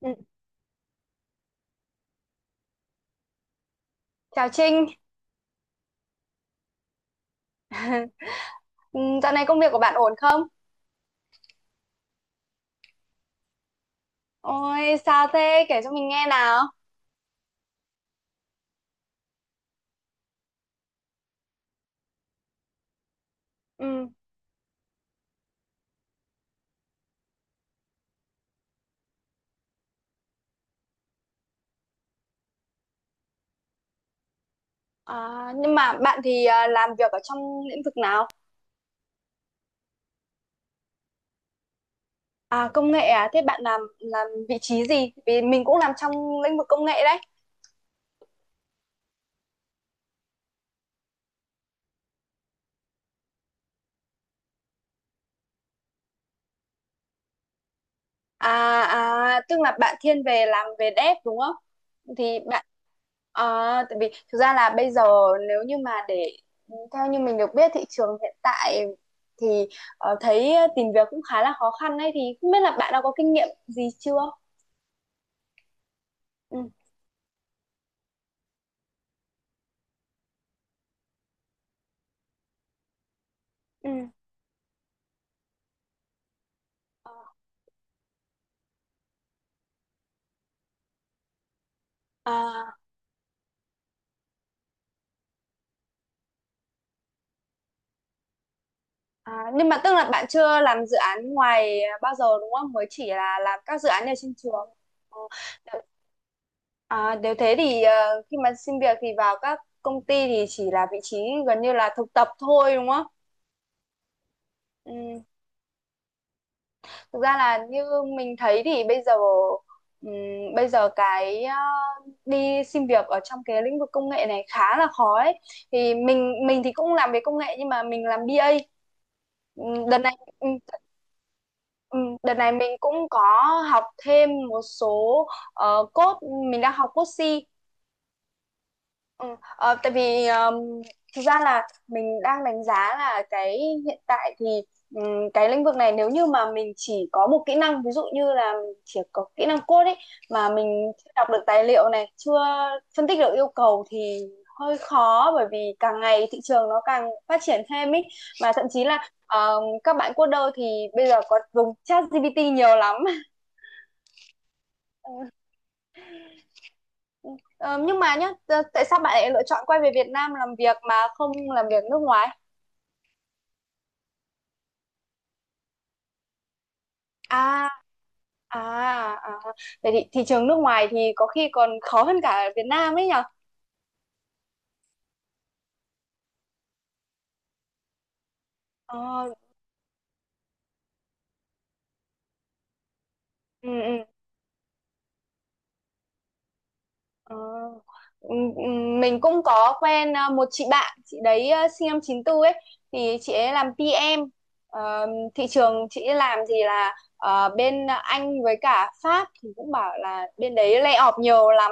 Ừ, Chào Trinh. Ừ, Dạo này công việc của bạn ổn không? Ôi, sao thế? Kể cho mình nghe nào. Ừ. À, nhưng mà bạn thì làm việc ở trong lĩnh vực nào? À, công nghệ à? Thế bạn làm vị trí gì? Vì mình cũng làm trong lĩnh vực công nghệ đấy. À, à tức là bạn thiên về làm về dev đúng không? Thì bạn à, tại vì thực ra là bây giờ nếu như mà để theo như mình được biết thị trường hiện tại thì thấy tìm việc cũng khá là khó khăn đấy, thì không biết là bạn đã có kinh nghiệm gì chưa? Ừ. Ừ. À. À, nhưng mà tức là bạn chưa làm dự án ngoài bao giờ đúng không? Mới chỉ là làm các dự án ở trên trường. Ờ, đ- à, nếu thế thì khi mà xin việc thì vào các công ty thì chỉ là vị trí gần như là thực tập thôi đúng không? Ừ. Thực ra là như mình thấy thì bây giờ cái đi xin việc ở trong cái lĩnh vực công nghệ này khá là khó ấy. Thì mình thì cũng làm về công nghệ nhưng mà mình làm BA. Đợt này ừ, đợt này mình cũng có học thêm một số code, mình đang học code C. ừ, ờ, Tại vì thực ra là mình đang đánh giá là cái hiện tại thì cái lĩnh vực này nếu như mà mình chỉ có một kỹ năng, ví dụ như là mình chỉ có kỹ năng code ấy, mà mình chưa đọc được tài liệu này, chưa phân tích được yêu cầu thì hơi khó, bởi vì càng ngày thị trường nó càng phát triển thêm ấy, mà thậm chí là các bạn coder thì bây giờ có dùng ChatGPT nhiều lắm. Ờ, ờ, nhưng mà nhá, tại sao bạn lại lựa chọn quay về Việt Nam làm việc mà không làm việc nước ngoài? À, à, à. Vậy thì thị trường nước ngoài thì có khi còn khó hơn cả Việt Nam ấy nhở? Ờ, ừ, ừ, ờ. Ừ, ừ, Mình cũng có quen à, một chị bạn, chị đấy à, sinh năm chín tư ấy, thì chị ấy làm PM. Ờ, Thị trường chị ấy làm thì là bên Anh với cả Pháp, thì cũng bảo là bên đấy lay off nhiều lắm,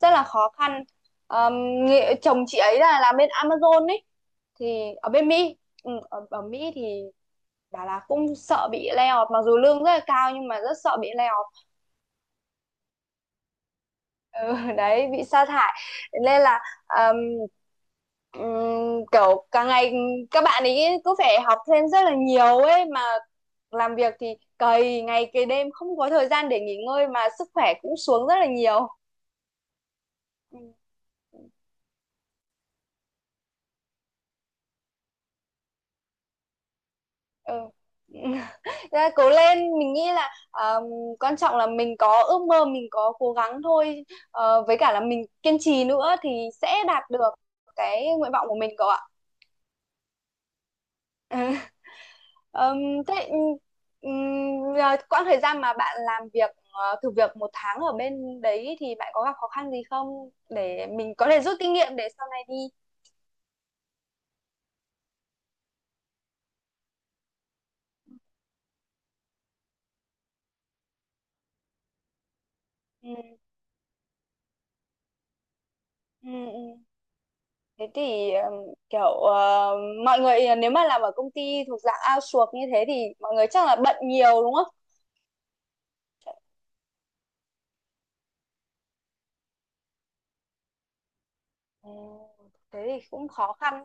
rất là khó khăn. Ờm, Nghệ, chồng chị ấy là làm bên Amazon ấy, thì ở bên Mỹ, ở Mỹ thì bảo là cũng sợ bị lay off, mặc dù lương rất là cao nhưng mà rất sợ bị lay off. Ừ, Đấy, bị sa thải. Nên là ờm, kiểu càng ngày các bạn ấy cứ phải học thêm rất là nhiều ấy, mà làm việc thì cày ngày cày đêm, không có thời gian để nghỉ ngơi, mà sức khỏe cũng xuống rất là nhiều. Ừ. Ừ. Ra cố lên, mình nghĩ là quan trọng là mình có ước mơ, mình có cố gắng thôi. Ờ, với cả là mình kiên trì nữa thì sẽ đạt được cái nguyện vọng của mình cậu ạ. Ờm, Thế quãng thời gian mà bạn làm việc thử việc 1 tháng ở bên đấy thì bạn có gặp khó khăn gì không, để mình có thể rút kinh nghiệm để sau này đi. Ừ. Ừ. ừ. Thế thì kiểu ờ, mọi người nếu mà làm ở công ty thuộc dạng outsource như thế thì mọi người chắc là bận nhiều đúng không? Ồ, thế thì cũng khó khăn. Đấy.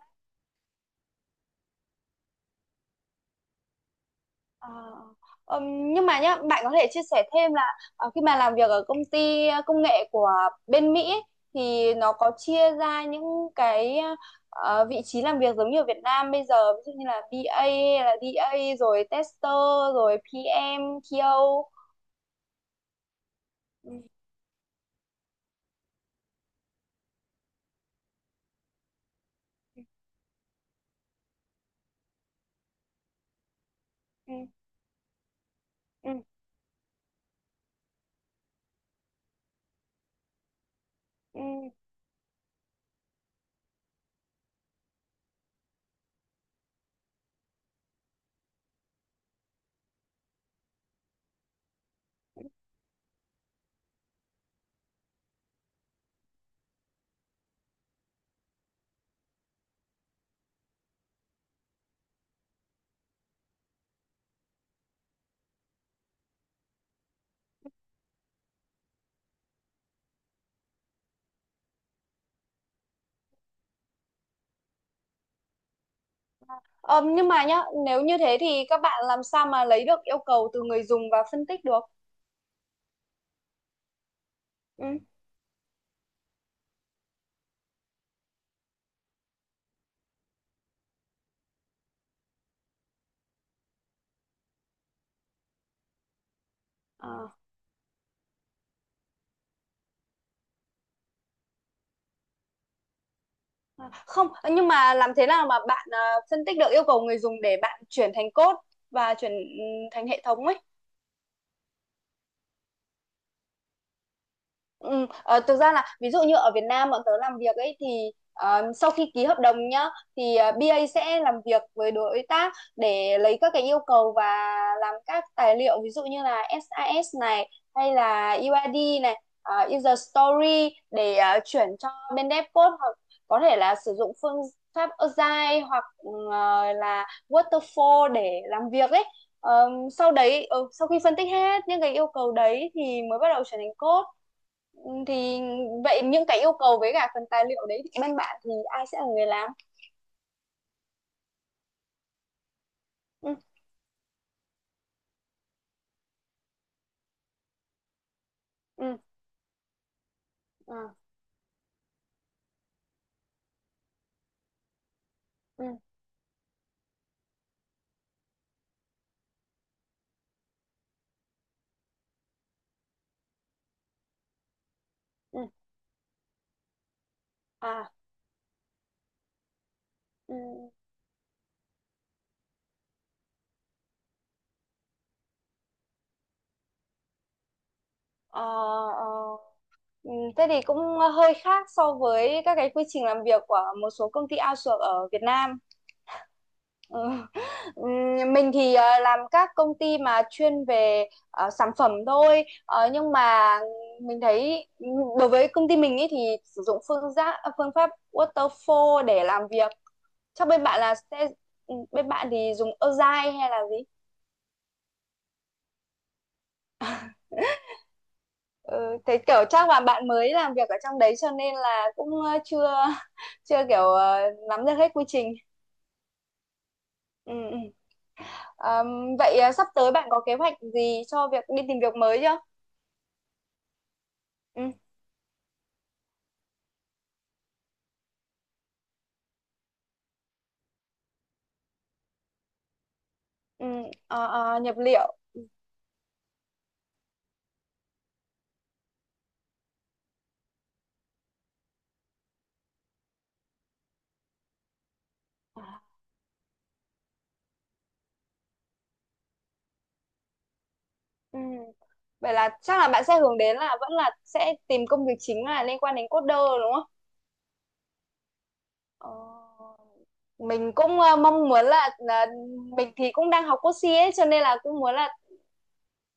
Ờ, nhưng mà nhá, bạn có thể chia sẻ thêm là khi mà làm việc ở công ty công nghệ của bên Mỹ ấy, thì nó có chia ra những cái vị trí làm việc giống như ở Việt Nam bây giờ, ví dụ như là BA hay là đê A rồi tester rồi PM, TO. Ừ, ừ, ừ, ừ. ừ. Ờ, nhưng mà nhá, nếu như thế thì các bạn làm sao mà lấy được yêu cầu từ người dùng và phân tích được? Ừ. Ờ, ờ. Không, nhưng mà làm thế nào mà bạn phân tích được yêu cầu người dùng để bạn chuyển thành code và chuyển thành hệ thống ấy? Ờ, Thực ra là ví dụ như ở Việt Nam bọn tớ làm việc ấy, thì sau khi ký hợp đồng nhá, thì BA sẽ làm việc với đối tác để lấy các cái yêu cầu và làm các tài liệu, ví dụ như là SAS này hay là UID này, user story, để chuyển cho bên dev code, hoặc có thể là sử dụng phương Agile hoặc là Waterfall để làm việc ấy. Ờ, sau đấy sau khi phân tích hết những cái yêu cầu đấy thì mới bắt đầu chuyển thành code. Ừ, thì vậy những cái yêu cầu với cả phần tài liệu đấy thì bên bạn thì ai sẽ là người làm? Ừ ừ à ừ ừ à ừ ờ, ờ. Ừ, thế thì cũng hơi khác so với các cái quy trình làm việc của một số công ty outsource ở Việt Nam. Ừ. Mình thì làm các công ty mà chuyên về sản phẩm thôi. Ờ, nhưng mà mình thấy đối với công ty mình ý, thì sử dụng phương pháp waterfall để làm việc, chắc bên bạn là sẽ bên bạn thì dùng Agile hay là gì. ừ, Thế kiểu chắc là bạn mới làm việc ở trong đấy cho nên là cũng chưa chưa kiểu nắm được hết quy trình. Ừ, ừ. Vậy sắp tới bạn có kế hoạch gì cho việc đi tìm việc mới chưa? Ừ. Ừ, nhập liệu. À, ừ. Vậy là chắc là bạn sẽ hướng đến là vẫn là sẽ tìm công việc chính là liên quan đến coder đúng không? Ờ, mình cũng mong muốn là mình thì cũng đang học code CX, cho nên là cũng muốn là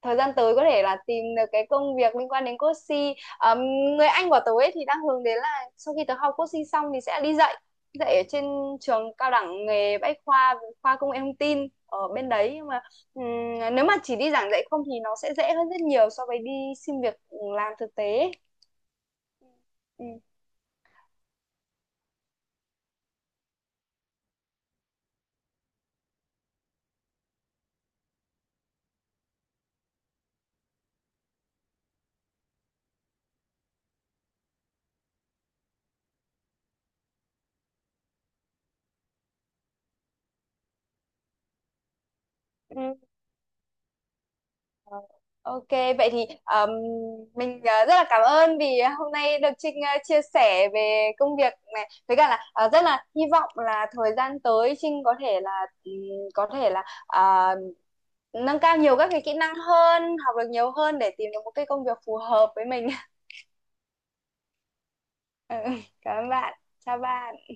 thời gian tới có thể là tìm được cái công việc liên quan đến Coaching. Người anh của tớ ấy thì đang hướng đến là sau khi tớ học Coaching xong thì sẽ đi dạy dạy ở trên trường cao đẳng nghề Bách khoa, khoa công nghệ thông tin ở bên đấy, nhưng mà nếu mà chỉ đi giảng dạy không thì nó sẽ dễ hơn rất nhiều so với đi xin việc làm thực tế. Ừ. Ừ. Ờ, Ok, vậy thì mình rất là cảm ơn vì hôm nay được Trinh chia sẻ về công việc này, với cả là rất là hy vọng là thời gian tới Trinh có thể là nâng cao nhiều các cái kỹ năng hơn, học được nhiều hơn để tìm được một cái công việc phù hợp với mình. Ừ, Cảm ơn bạn. Chào bạn.